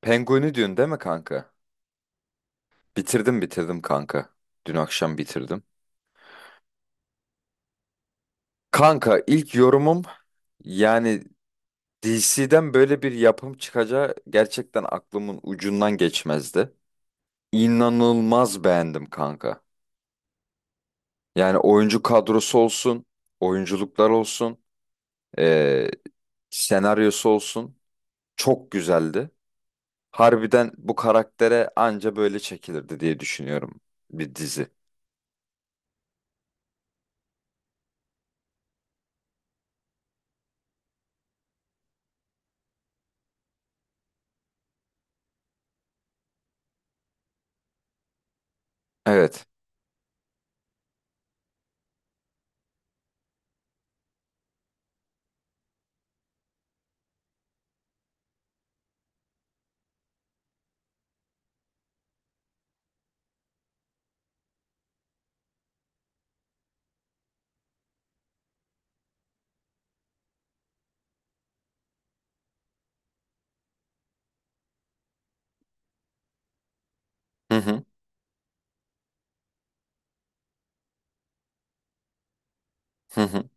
Penguin'i diyorsun değil mi kanka? Bitirdim kanka. Dün akşam bitirdim. Kanka ilk yorumum yani DC'den böyle bir yapım çıkacağı gerçekten aklımın ucundan geçmezdi. İnanılmaz beğendim kanka. Yani oyuncu kadrosu olsun, oyunculuklar olsun, eee, senaryosu olsun çok güzeldi. Harbiden bu karaktere anca böyle çekilirdi diye düşünüyorum bir dizi. Evet. Hı hı. Hı hı.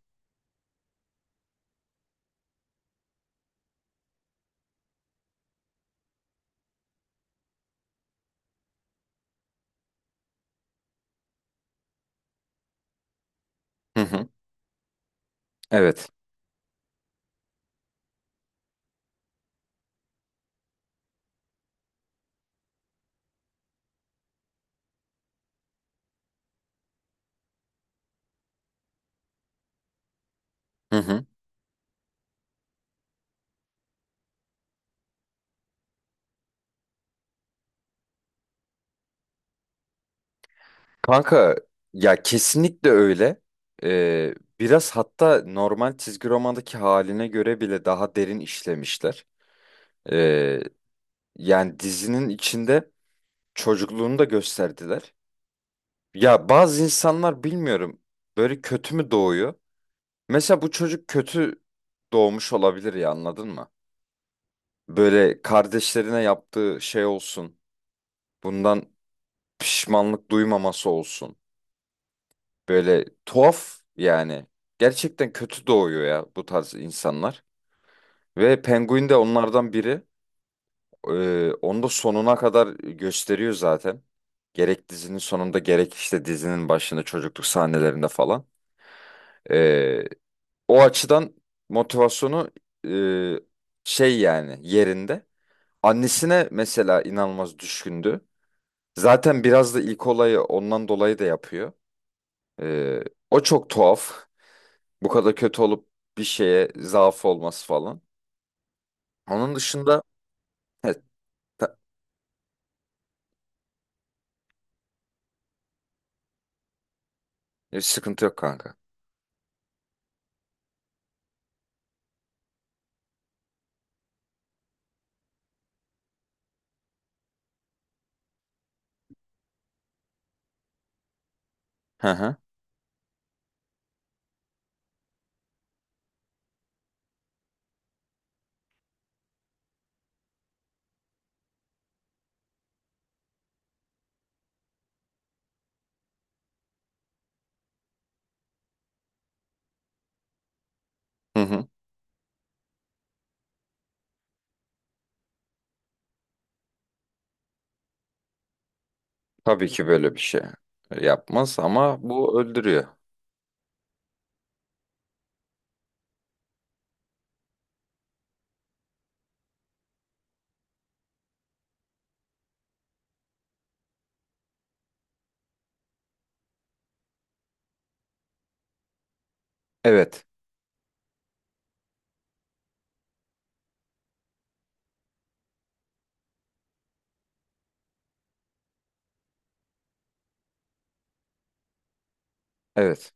Hı hı. Evet. Hı hı. Kanka ya kesinlikle öyle. Ee, Biraz hatta normal çizgi romandaki haline göre bile daha derin işlemişler. Ee, Yani dizinin içinde çocukluğunu da gösterdiler. Ya bazı insanlar bilmiyorum böyle kötü mü doğuyor? Mesela bu çocuk kötü doğmuş olabilir ya anladın mı? Böyle kardeşlerine yaptığı şey olsun. Bundan pişmanlık duymaması olsun. Böyle tuhaf yani. Gerçekten kötü doğuyor ya bu tarz insanlar. Ve Penguin de onlardan biri. Onu da sonuna kadar gösteriyor zaten. Gerek dizinin sonunda gerek işte dizinin başında çocukluk sahnelerinde falan. Ee, O açıdan motivasyonu e, şey yani yerinde. Annesine mesela inanılmaz düşkündü. Zaten biraz da ilk olayı ondan dolayı da yapıyor. Ee, O çok tuhaf. Bu kadar kötü olup bir şeye zaaf olması falan. Onun dışında evet, ta- sıkıntı yok kanka. Hı hı. Hı hı. Tabii ki böyle bir şey yapmaz ama bu öldürüyor. Evet. Evet.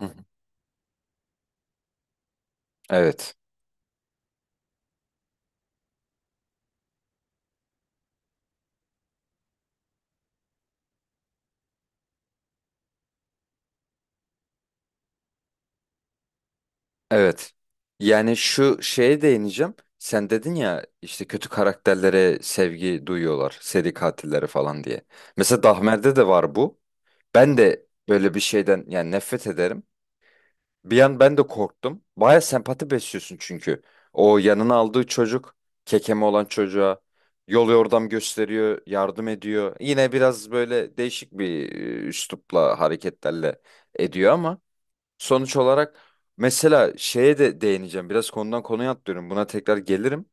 Hı hı. Evet. Evet. Yani şu şeye değineceğim. Sen dedin ya işte kötü karakterlere sevgi duyuyorlar. Seri katillere falan diye. Mesela Dahmer'de de var bu. Ben de böyle bir şeyden yani nefret ederim. Bir an ben de korktum. Baya sempati besliyorsun çünkü. O yanına aldığı çocuk, kekeme olan çocuğa yol yordam gösteriyor, yardım ediyor. Yine biraz böyle değişik bir üslupla, hareketlerle ediyor ama sonuç olarak mesela şeye de değineceğim. Biraz konudan konuya atlıyorum. Buna tekrar gelirim.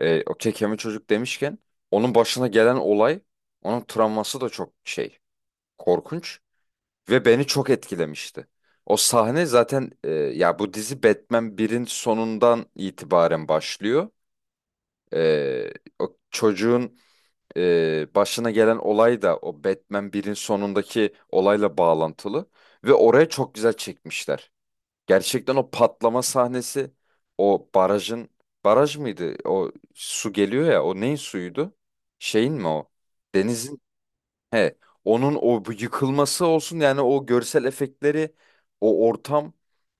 E, o kekeme çocuk demişken onun başına gelen olay, onun travması da çok şey, korkunç. Ve beni çok etkilemişti. O sahne zaten ya bu dizi Batman birin sonundan itibaren başlıyor. E, O çocuğun başına gelen olay da o Batman birin sonundaki olayla bağlantılı. Ve oraya çok güzel çekmişler. Gerçekten o patlama sahnesi, o barajın, baraj mıydı? O su geliyor ya, o neyin suyuydu? Şeyin mi o? Denizin. He, onun o bu yıkılması olsun yani o görsel efektleri, o ortam,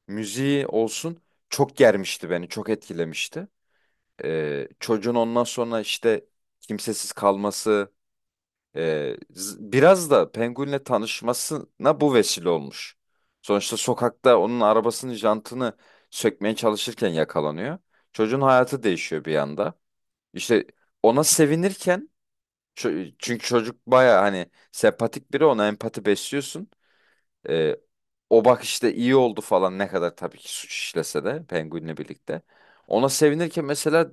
müziği olsun çok germişti beni, çok etkilemişti. Çocuğun ondan sonra işte kimsesiz kalması, e, biraz da Penguin'le tanışmasına bu vesile olmuş. Sonuçta sokakta onun arabasının jantını sökmeye çalışırken yakalanıyor. Çocuğun hayatı değişiyor bir anda. İşte ona sevinirken Çünkü çocuk baya hani sempatik biri ona empati besliyorsun. Ee, O bak işte iyi oldu falan ne kadar tabii ki suç işlese de Penguin'le birlikte. Ona sevinirken mesela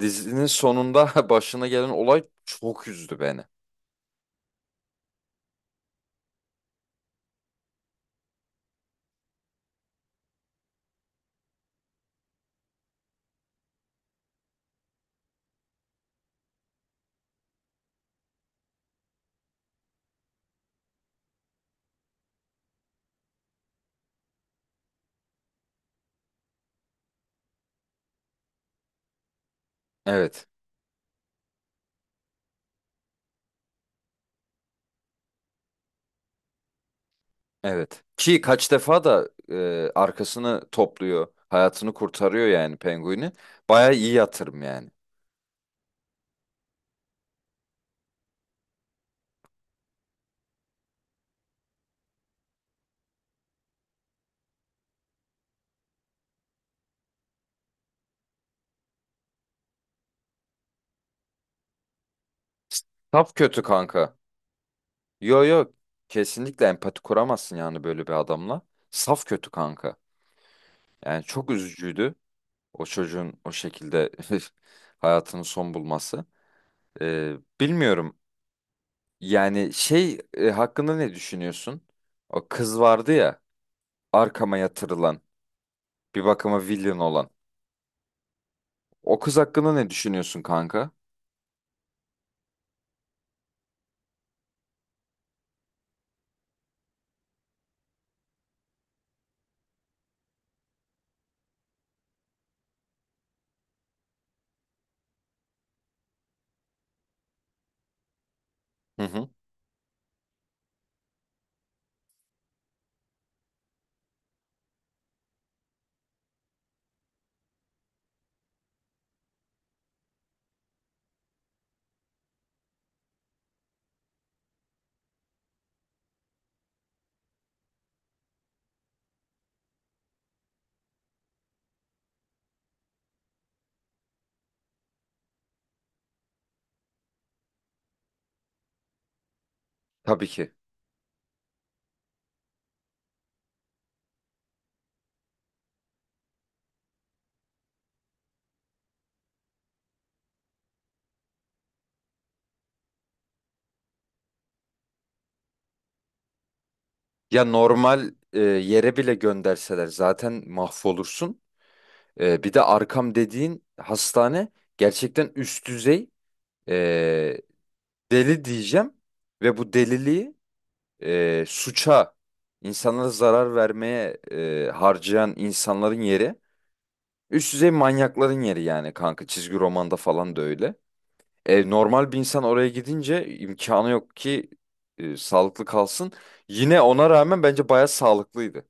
dizinin sonunda başına gelen olay çok üzdü beni. Evet, evet. Ki kaç defa da arkasını topluyor, hayatını kurtarıyor yani Penguin'i. Baya iyi yatırım yani. Saf kötü kanka. Yo yo, kesinlikle empati kuramazsın yani böyle bir adamla. Saf kötü kanka. Yani çok üzücüydü o çocuğun o şekilde hayatının son bulması. Bilmiyorum yani şey hakkında ne düşünüyorsun? O kız vardı ya arkama yatırılan bir bakıma villain olan. O kız hakkında ne düşünüyorsun kanka? Hı hı. Tabii ki. Ya normal yere bile gönderseler zaten mahvolursun. E, bir de arkam dediğin hastane gerçekten üst düzey e, deli diyeceğim. Ve bu deliliği suça, insanlara zarar vermeye harcayan insanların yeri üst düzey manyakların yeri yani kanka. Çizgi romanda falan da öyle. E, normal bir insan oraya gidince imkanı yok ki sağlıklı kalsın. Yine ona rağmen bence bayağı sağlıklıydı.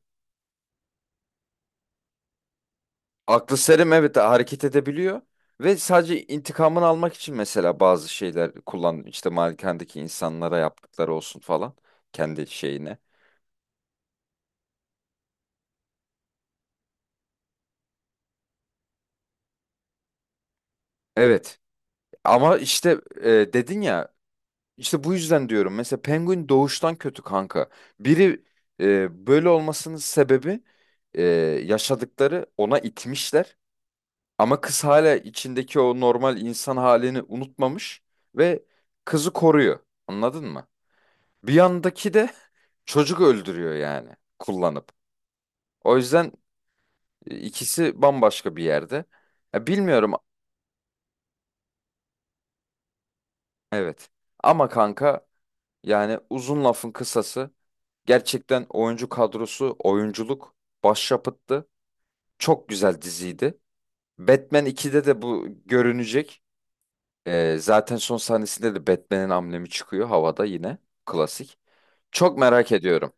Aklı selim evet hareket edebiliyor. Ve sadece intikamını almak için mesela bazı şeyler kullan işte malikendeki insanlara yaptıkları olsun falan kendi şeyine. Evet ama işte dedin ya İşte bu yüzden diyorum. Mesela Penguin doğuştan kötü kanka. Biri böyle olmasının sebebi e, yaşadıkları ona itmişler. Ama kız hala içindeki o normal insan halini unutmamış ve kızı koruyor. Anladın mı? Bir yandaki de çocuk öldürüyor yani kullanıp. O yüzden ikisi bambaşka bir yerde. Ya bilmiyorum, evet. Ama kanka yani uzun lafın kısası, gerçekten oyuncu kadrosu, oyunculuk başyapıttı. Çok güzel diziydi. Batman 2'de de bu görünecek. Zaten son sahnesinde de Batman'in amblemi çıkıyor havada yine. Klasik. Çok merak ediyorum.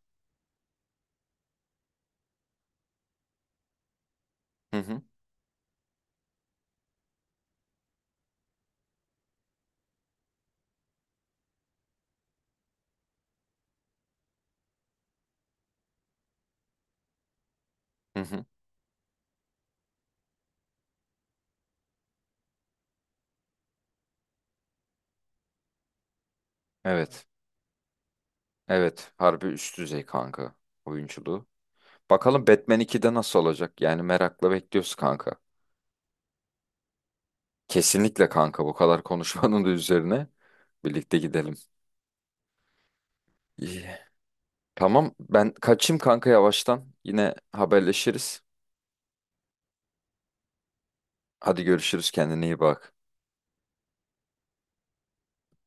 Hı hı, hı hı. Evet. Evet. Harbi üst düzey kanka oyunculuğu. Bakalım Batman 2'de nasıl olacak? Yani merakla bekliyoruz kanka. Kesinlikle kanka, bu kadar konuşmanın da üzerine birlikte gidelim. İyi. Tamam ben kaçayım kanka yavaştan. Yine haberleşiriz. Hadi görüşürüz, kendine iyi bak.